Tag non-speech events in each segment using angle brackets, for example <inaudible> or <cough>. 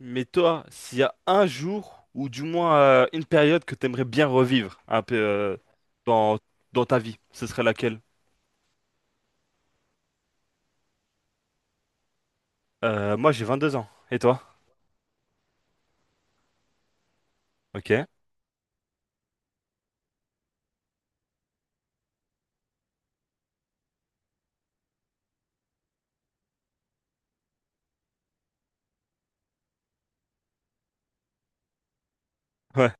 Mais toi, s'il y a un jour, ou du moins une période que t'aimerais bien revivre un peu dans, dans ta vie, ce serait laquelle? Moi, j'ai 22 ans. Et toi? Ok. Ouais.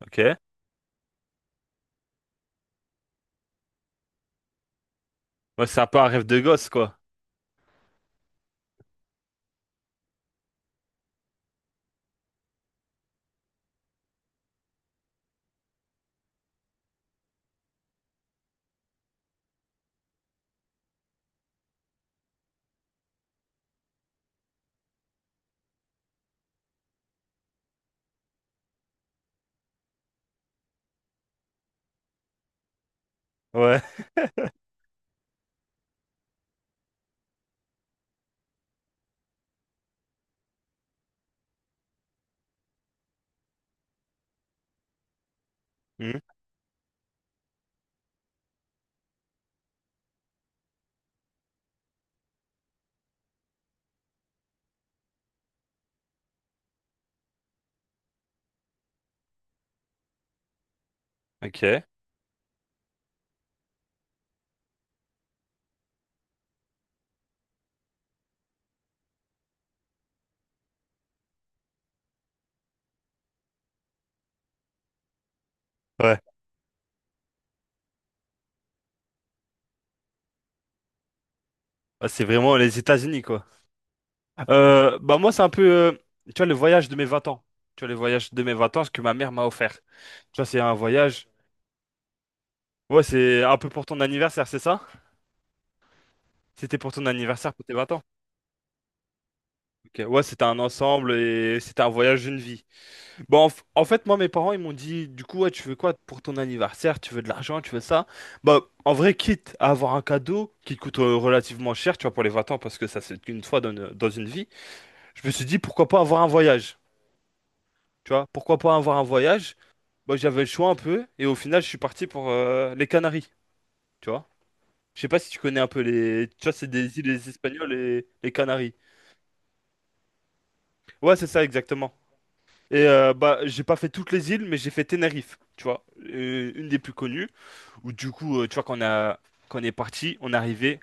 Ok. Moi, c'est un peu un rêve de gosse, quoi. Ouais. Hmm. Ok. Ouais. Bah, c'est vraiment les États-Unis, quoi. Bah, moi, c'est un peu, tu vois, le voyage de mes 20 ans. Tu vois, le voyage de mes 20 ans, ce que ma mère m'a offert. Tu vois, c'est un voyage. Ouais, c'est un peu pour ton anniversaire, c'est ça? C'était pour ton anniversaire, pour tes 20 ans. Ok, ouais, c'était un ensemble et c'était un voyage d'une vie. Bon, en fait, moi, mes parents, ils m'ont dit, du coup, ouais, tu veux quoi pour ton anniversaire? Tu veux de l'argent? Tu veux ça? Bah, en vrai, quitte à avoir un cadeau qui coûte relativement cher, tu vois, pour les 20 ans, parce que ça, c'est qu'une fois dans une vie, je me suis dit, pourquoi pas avoir un voyage? Tu vois, pourquoi pas avoir un voyage? Bah, j'avais le choix un peu et au final, je suis parti pour les Canaries, tu vois. Je sais pas si tu connais un peu. Tu vois, c'est des îles les Espagnoles et les Canaries. Ouais, c'est ça, exactement. Et bah, j'ai pas fait toutes les îles, mais j'ai fait Tenerife, tu vois, une des plus connues, où du coup, tu vois, quand on est parti, on est arrivé.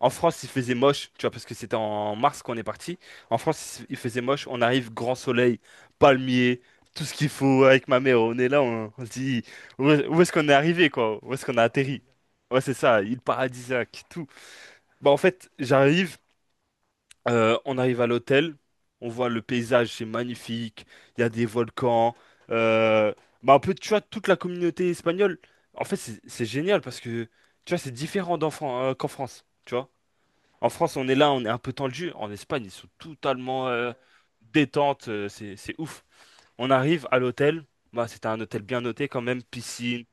En France, il faisait moche, tu vois, parce que c'était en mars qu'on est parti. En France, il faisait moche, on arrive, grand soleil, palmier, tout ce qu'il faut avec ma mère. On est là, on se dit, où est-ce qu'on est arrivé, quoi? Où est-ce qu'on a atterri? Ouais, c'est ça, île paradisiaque, tout. Bah, en fait, on arrive à l'hôtel, on voit le paysage, c'est magnifique, il y a des volcans, euh, bah un peu, tu vois, toute la communauté espagnole. En fait, c'est génial parce que, tu vois, c'est différent qu'en France, tu vois. En France, on est là, on est un peu tendu. En Espagne, ils sont totalement détente, c'est ouf. On arrive à l'hôtel, bah c'était un hôtel bien noté quand même, piscine.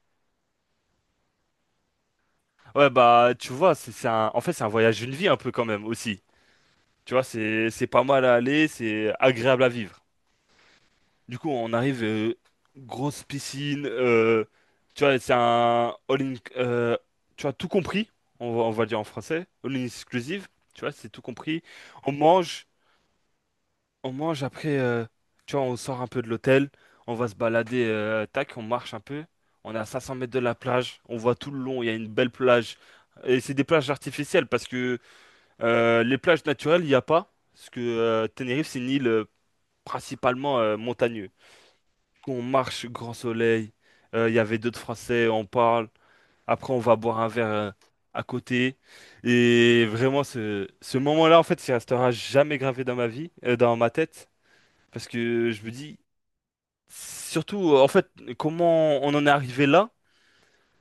Ouais, bah tu vois, c'est un, en fait, c'est un voyage d'une vie un peu quand même aussi. Tu vois, c'est pas mal à aller, c'est agréable à vivre. Du coup, on arrive, grosse piscine, tu vois, c'est un all-in, tu vois, tout compris, on va dire en français, all-in exclusive, tu vois, c'est tout compris. On mange, on mange après, tu vois, on sort un peu de l'hôtel, on va se balader, tac, on marche un peu, on est à 500 mètres de la plage, on voit tout le long, il y a une belle plage. Et c'est des plages artificielles parce que les plages naturelles, il n'y a pas, parce que Tenerife, c'est une île principalement montagneuse qu'on marche grand soleil. Il y avait d'autres Français, on parle. Après, on va boire un verre à côté. Et vraiment, ce moment-là, en fait, il restera jamais gravé dans ma vie, dans ma tête. Parce que je me dis, surtout, en fait, comment on en est arrivé là,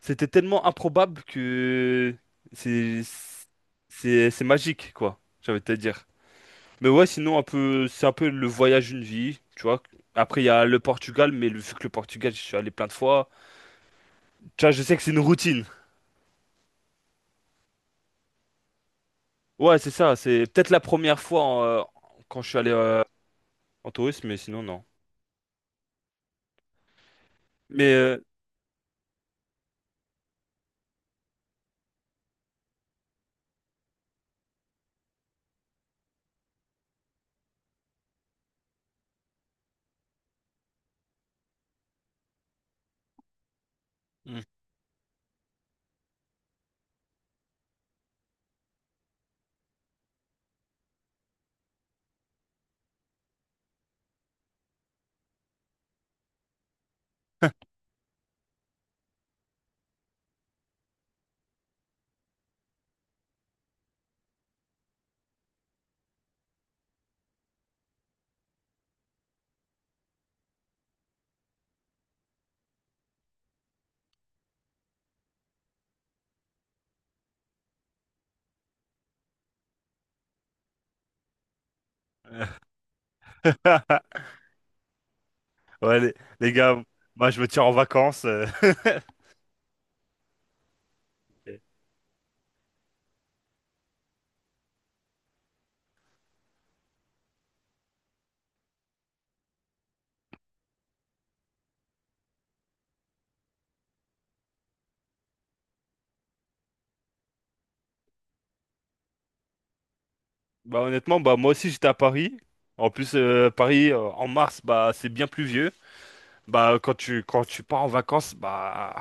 c'était tellement improbable que c'est, c'est magique, quoi, j'avais envie de te dire. Mais ouais, sinon, un peu, c'est un peu le voyage d'une vie, tu vois. Après, il y a le Portugal, mais vu que le Portugal, je suis allé plein de fois. Tu vois, je sais que c'est une routine. Ouais, c'est ça. C'est peut-être la première fois quand je suis allé en tourisme, mais sinon, non. Mais. Hmm. <laughs> Ouais, les gars, moi, je me tire en vacances. <laughs> Bah, honnêtement, bah, moi aussi, j'étais à Paris. En plus, Paris, en mars, bah, c'est bien pluvieux. Bah, quand tu pars en vacances, bah.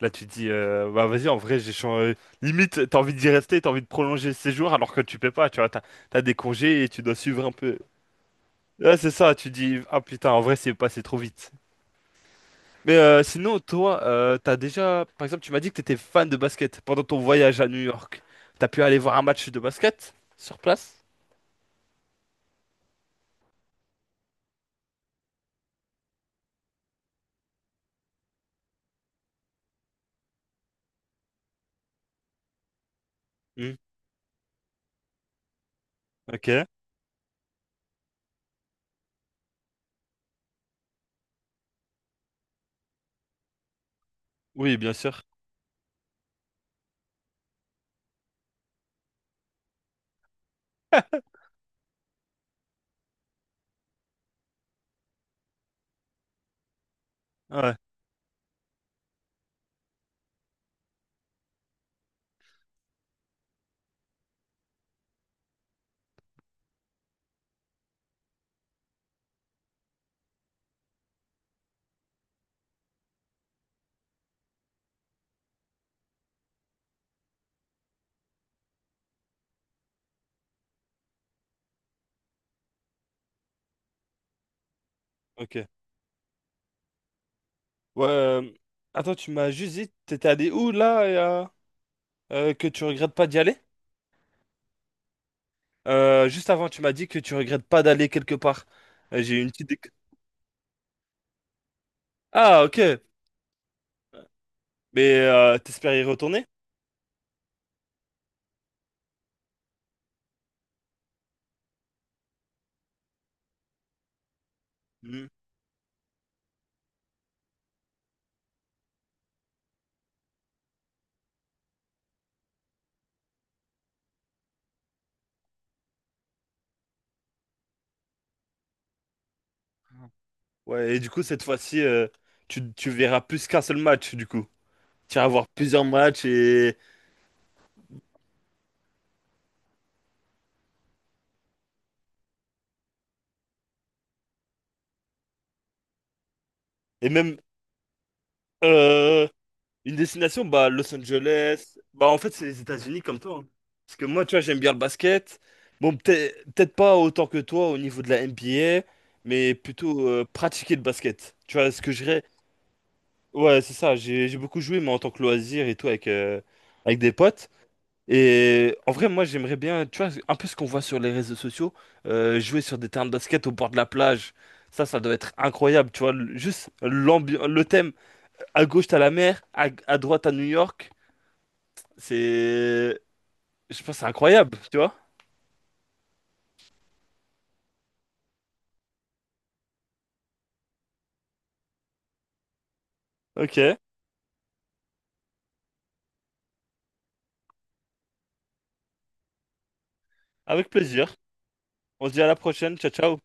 Là, tu te dis, bah vas-y, en vrai, j'ai changé. Limite, t'as envie d'y rester, t'as envie de prolonger le séjour alors que tu peux pas, tu vois. T'as des congés et tu dois suivre un peu. Ouais, c'est ça, tu dis, ah putain, en vrai, c'est passé trop vite. Mais sinon, toi, t'as déjà, par exemple, tu m'as dit que t'étais fan de basket pendant ton voyage à New York. T'as pu aller voir un match de basket sur place? Hmm, ok. Oui, bien sûr. Ouais, ok. Ouais, attends, tu m'as juste dit, t'étais allé où là, que tu regrettes pas d'y aller? Juste avant, tu m'as dit que tu regrettes pas d'aller quelque part. J'ai une petite. Ah, ok. Mais t'espères y retourner? Ouais, et du coup, cette fois-ci, tu verras plus qu'un seul match, du coup. Tu vas voir plusieurs matchs et même euh, une destination, bah, Los Angeles. Bah, en fait, c'est les États-Unis comme toi, hein. Parce que moi, tu vois, j'aime bien le basket. Bon, peut-être pas autant que toi au niveau de la NBA, mais plutôt pratiquer le basket. Tu vois, ce que je dirais. Ouais, c'est ça. J'ai beaucoup joué, mais en tant que loisir et tout, avec des potes. Et en vrai, moi, j'aimerais bien, tu vois, un peu ce qu'on voit sur les réseaux sociaux, jouer sur des terrains de basket au bord de la plage. Ça doit être incroyable, tu vois. Juste l'ambiance, le thème. À gauche, t'as la mer, à droite, à New York. C'est, je pense, que c'est incroyable, tu vois. Ok, avec plaisir. On se dit à la prochaine. Ciao, ciao.